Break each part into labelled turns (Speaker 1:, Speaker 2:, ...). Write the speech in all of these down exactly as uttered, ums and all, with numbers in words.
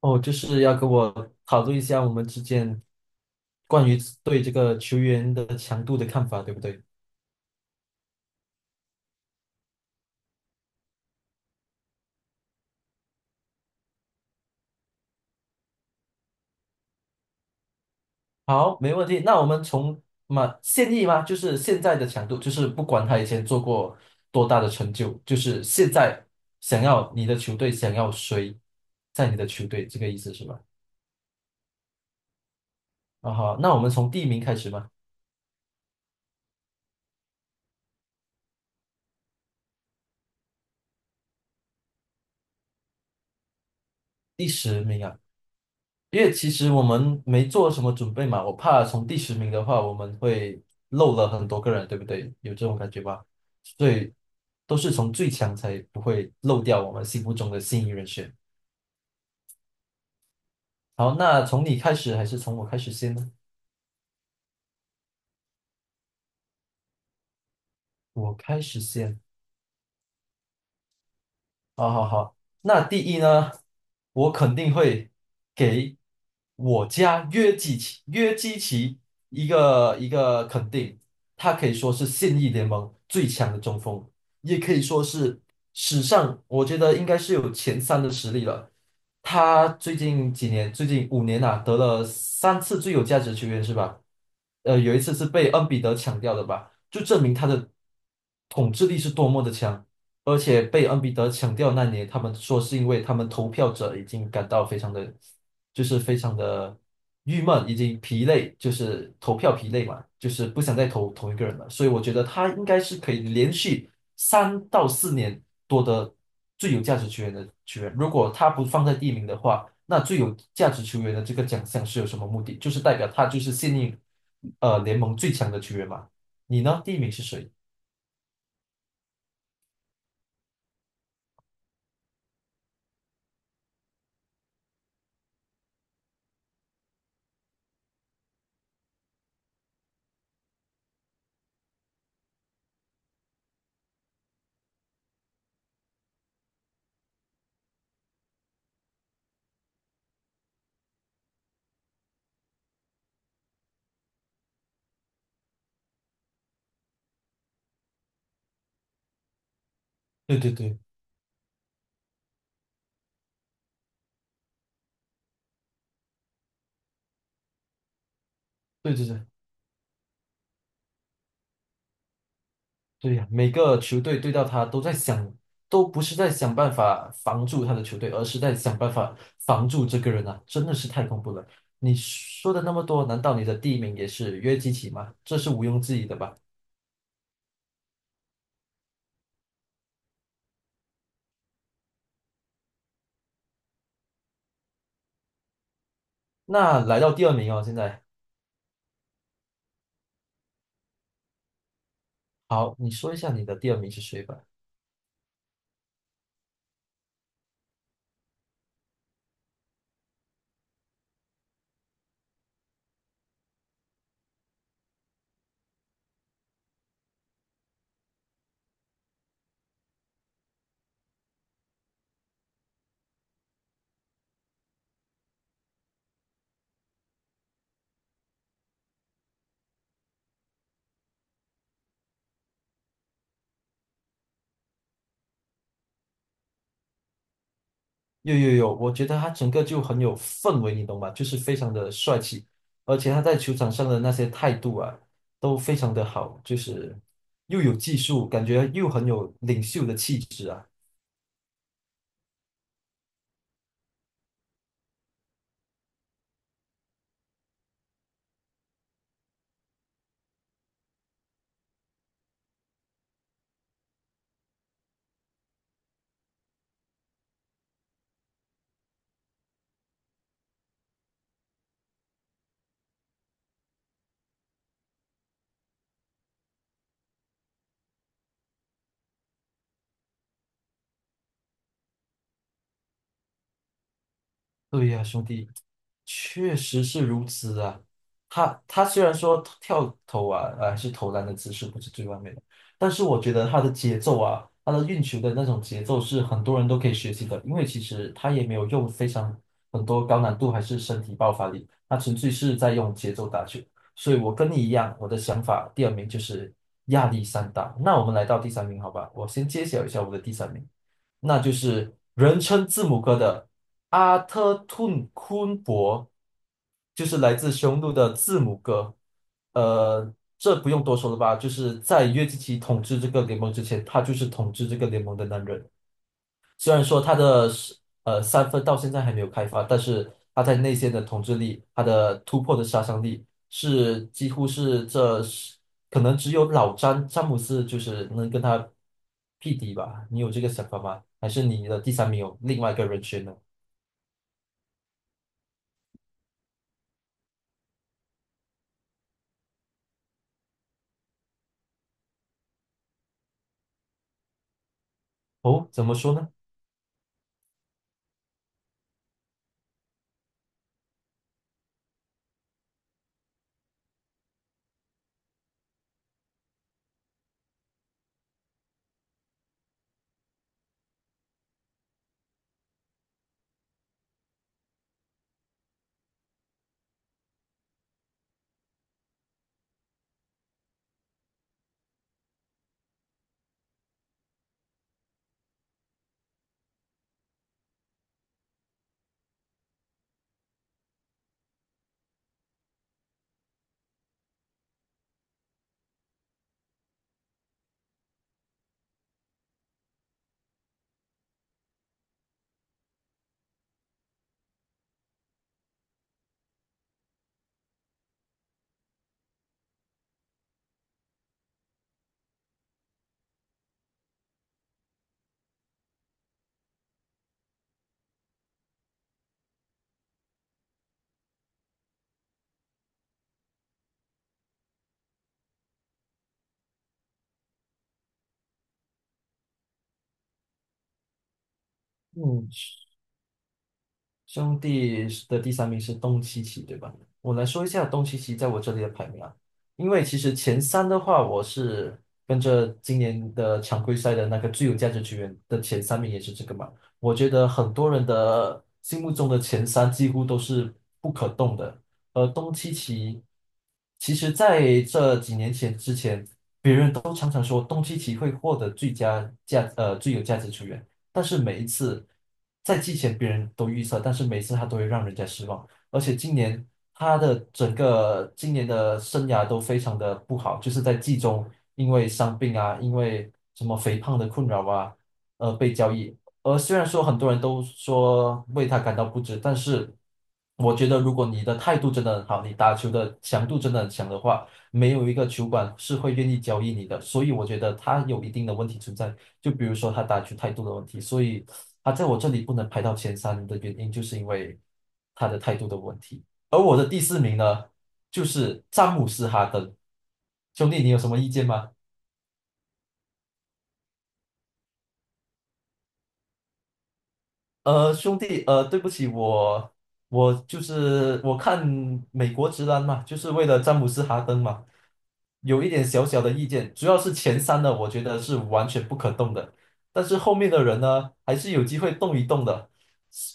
Speaker 1: 哦，就是要跟我讨论一下我们之间关于对这个球员的强度的看法，对不对？好，没问题。那我们从嘛现役吗？就是现在的强度，就是不管他以前做过多大的成就，就是现在想要你的球队想要谁在你的球队，这个意思是吧？啊好，那我们从第一名开始吧，第十名啊。因为其实我们没做什么准备嘛，我怕从第十名的话，我们会漏了很多个人，对不对？有这种感觉吧？所以都是从最强才不会漏掉我们心目中的心仪人选。好，那从你开始还是从我开始先呢？我开始先。好好好，那第一呢，我肯定会给我家约基奇约基奇一个一个肯定，他可以说是现役联盟最强的中锋，也可以说是史上我觉得应该是有前三的实力了。他最近几年，最近五年呐，得了三次最有价值球员是吧？呃，有一次是被恩比德抢掉的吧，就证明他的统治力是多么的强。而且被恩比德抢掉那年，他们说是因为他们投票者已经感到非常的，就是非常的郁闷，已经疲累，就是投票疲累嘛，就是不想再投同一个人了。所以我觉得他应该是可以连续三到四年夺得最有价值球员的球员。如果他不放在第一名的话，那最有价值球员的这个奖项是有什么目的？就是代表他就是现役呃联盟最强的球员嘛。你呢？第一名是谁？对对对对对对。对呀，每个球队对到他都在想，都不是在想办法防住他的球队，而是在想办法防住这个人啊，真的是太恐怖了。你说的那么多，难道你的第一名也是约基奇吗？这是毋庸置疑的吧？那来到第二名哦，现在好，你说一下你的第二名是谁吧。有有有，我觉得他整个就很有氛围，你懂吗？就是非常的帅气，而且他在球场上的那些态度啊，都非常的好，就是又有技术，感觉又很有领袖的气质啊。对呀，兄弟。确实是如此啊，他他虽然说跳投啊，呃，还是投篮的姿势不是最完美的，但是我觉得他的节奏啊，他的运球的那种节奏是很多人都可以学习的，因为其实他也没有用非常很多高难度还是身体爆发力，他纯粹是在用节奏打球。所以我跟你一样，我的想法第二名就是亚历山大。那我们来到第三名，好吧？我先揭晓一下我的第三名。那就是人称字母哥的阿特吞昆博，就是来自匈奴的字母哥。呃，这不用多说了吧？就是在约基奇统治这个联盟之前，他就是统治这个联盟的男人。虽然说他的是呃三分到现在还没有开发，但是他在内线的统治力，他的突破的杀伤力是几乎是这是可能只有老詹詹姆斯就是能跟他匹敌吧？你有这个想法吗？还是你的第三名有另外一个人选呢？哦，怎么说呢？嗯。兄弟的第三名是东契奇，对吧？我来说一下东契奇在我这里的排名啊，因为其实前三的话，我是跟着今年的常规赛的那个最有价值球员的前三名也是这个嘛。我觉得很多人的心目中的前三几乎都是不可动的，而东契奇其实在这几年前之前。都常常说东契奇会获得最佳价呃最有价值球员，但是每一次在季前别人都预测，但是每一次他都会让人家失望。而且今年他的整个今年的生涯都非常的不好，就是在季中因为伤病啊，因为什么肥胖的困扰啊，呃被交易。而虽然说很多人都说为他感到不值，但是我觉得如果你的态度真的很好，你打球的强度真的很强的话，没有一个球馆是会愿意交易你的，所以我觉得他有一定的问题存在，就比如说他打球态度的问题，所以他在我这里不能排到前三的原因，就是因为他的态度的问题。而我的第四名呢，就是詹姆斯·哈登，兄弟，你有什么意见吗？呃，兄弟，呃，对不起，我我就是我看美国直男嘛，就是为了詹姆斯哈登嘛，有一点小小的意见，主要是前三的，我觉得是完全不可动的，但是后面的人呢，还是有机会动一动的。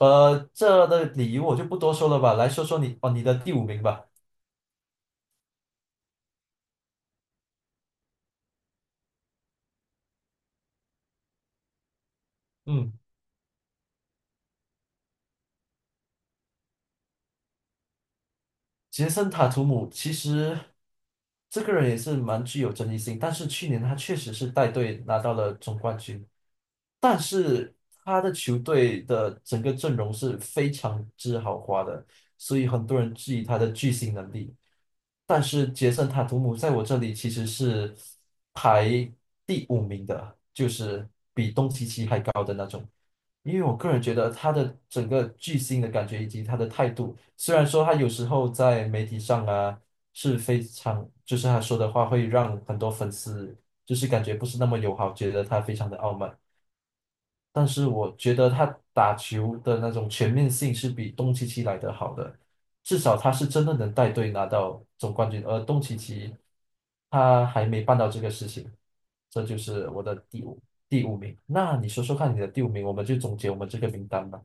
Speaker 1: 呃，这的理由我就不多说了吧，来说说你哦，你的第五名吧。嗯，杰森塔图姆其实这个人也是蛮具有争议性，但是去年他确实是带队拿到了总冠军。但是他的球队的整个阵容是非常之豪华的，所以很多人质疑他的巨星能力。但是杰森·塔图姆在我这里其实是排第五名的，就是因为我个人觉得他的整个巨星的感觉以及他的态度，虽然说他有时候在媒体上啊是非常，就是他说的话会让很多粉丝就是感觉不是那么友好，觉得他非常的傲慢。但是我觉得他打球的那种全面性是比东契奇来的好的，至少他是真的能带队拿到总冠军，而东契奇他还没办到这个事情，这就是我的第五第五名。那你说说看你的第五名，我们就总结我们这个名单吧。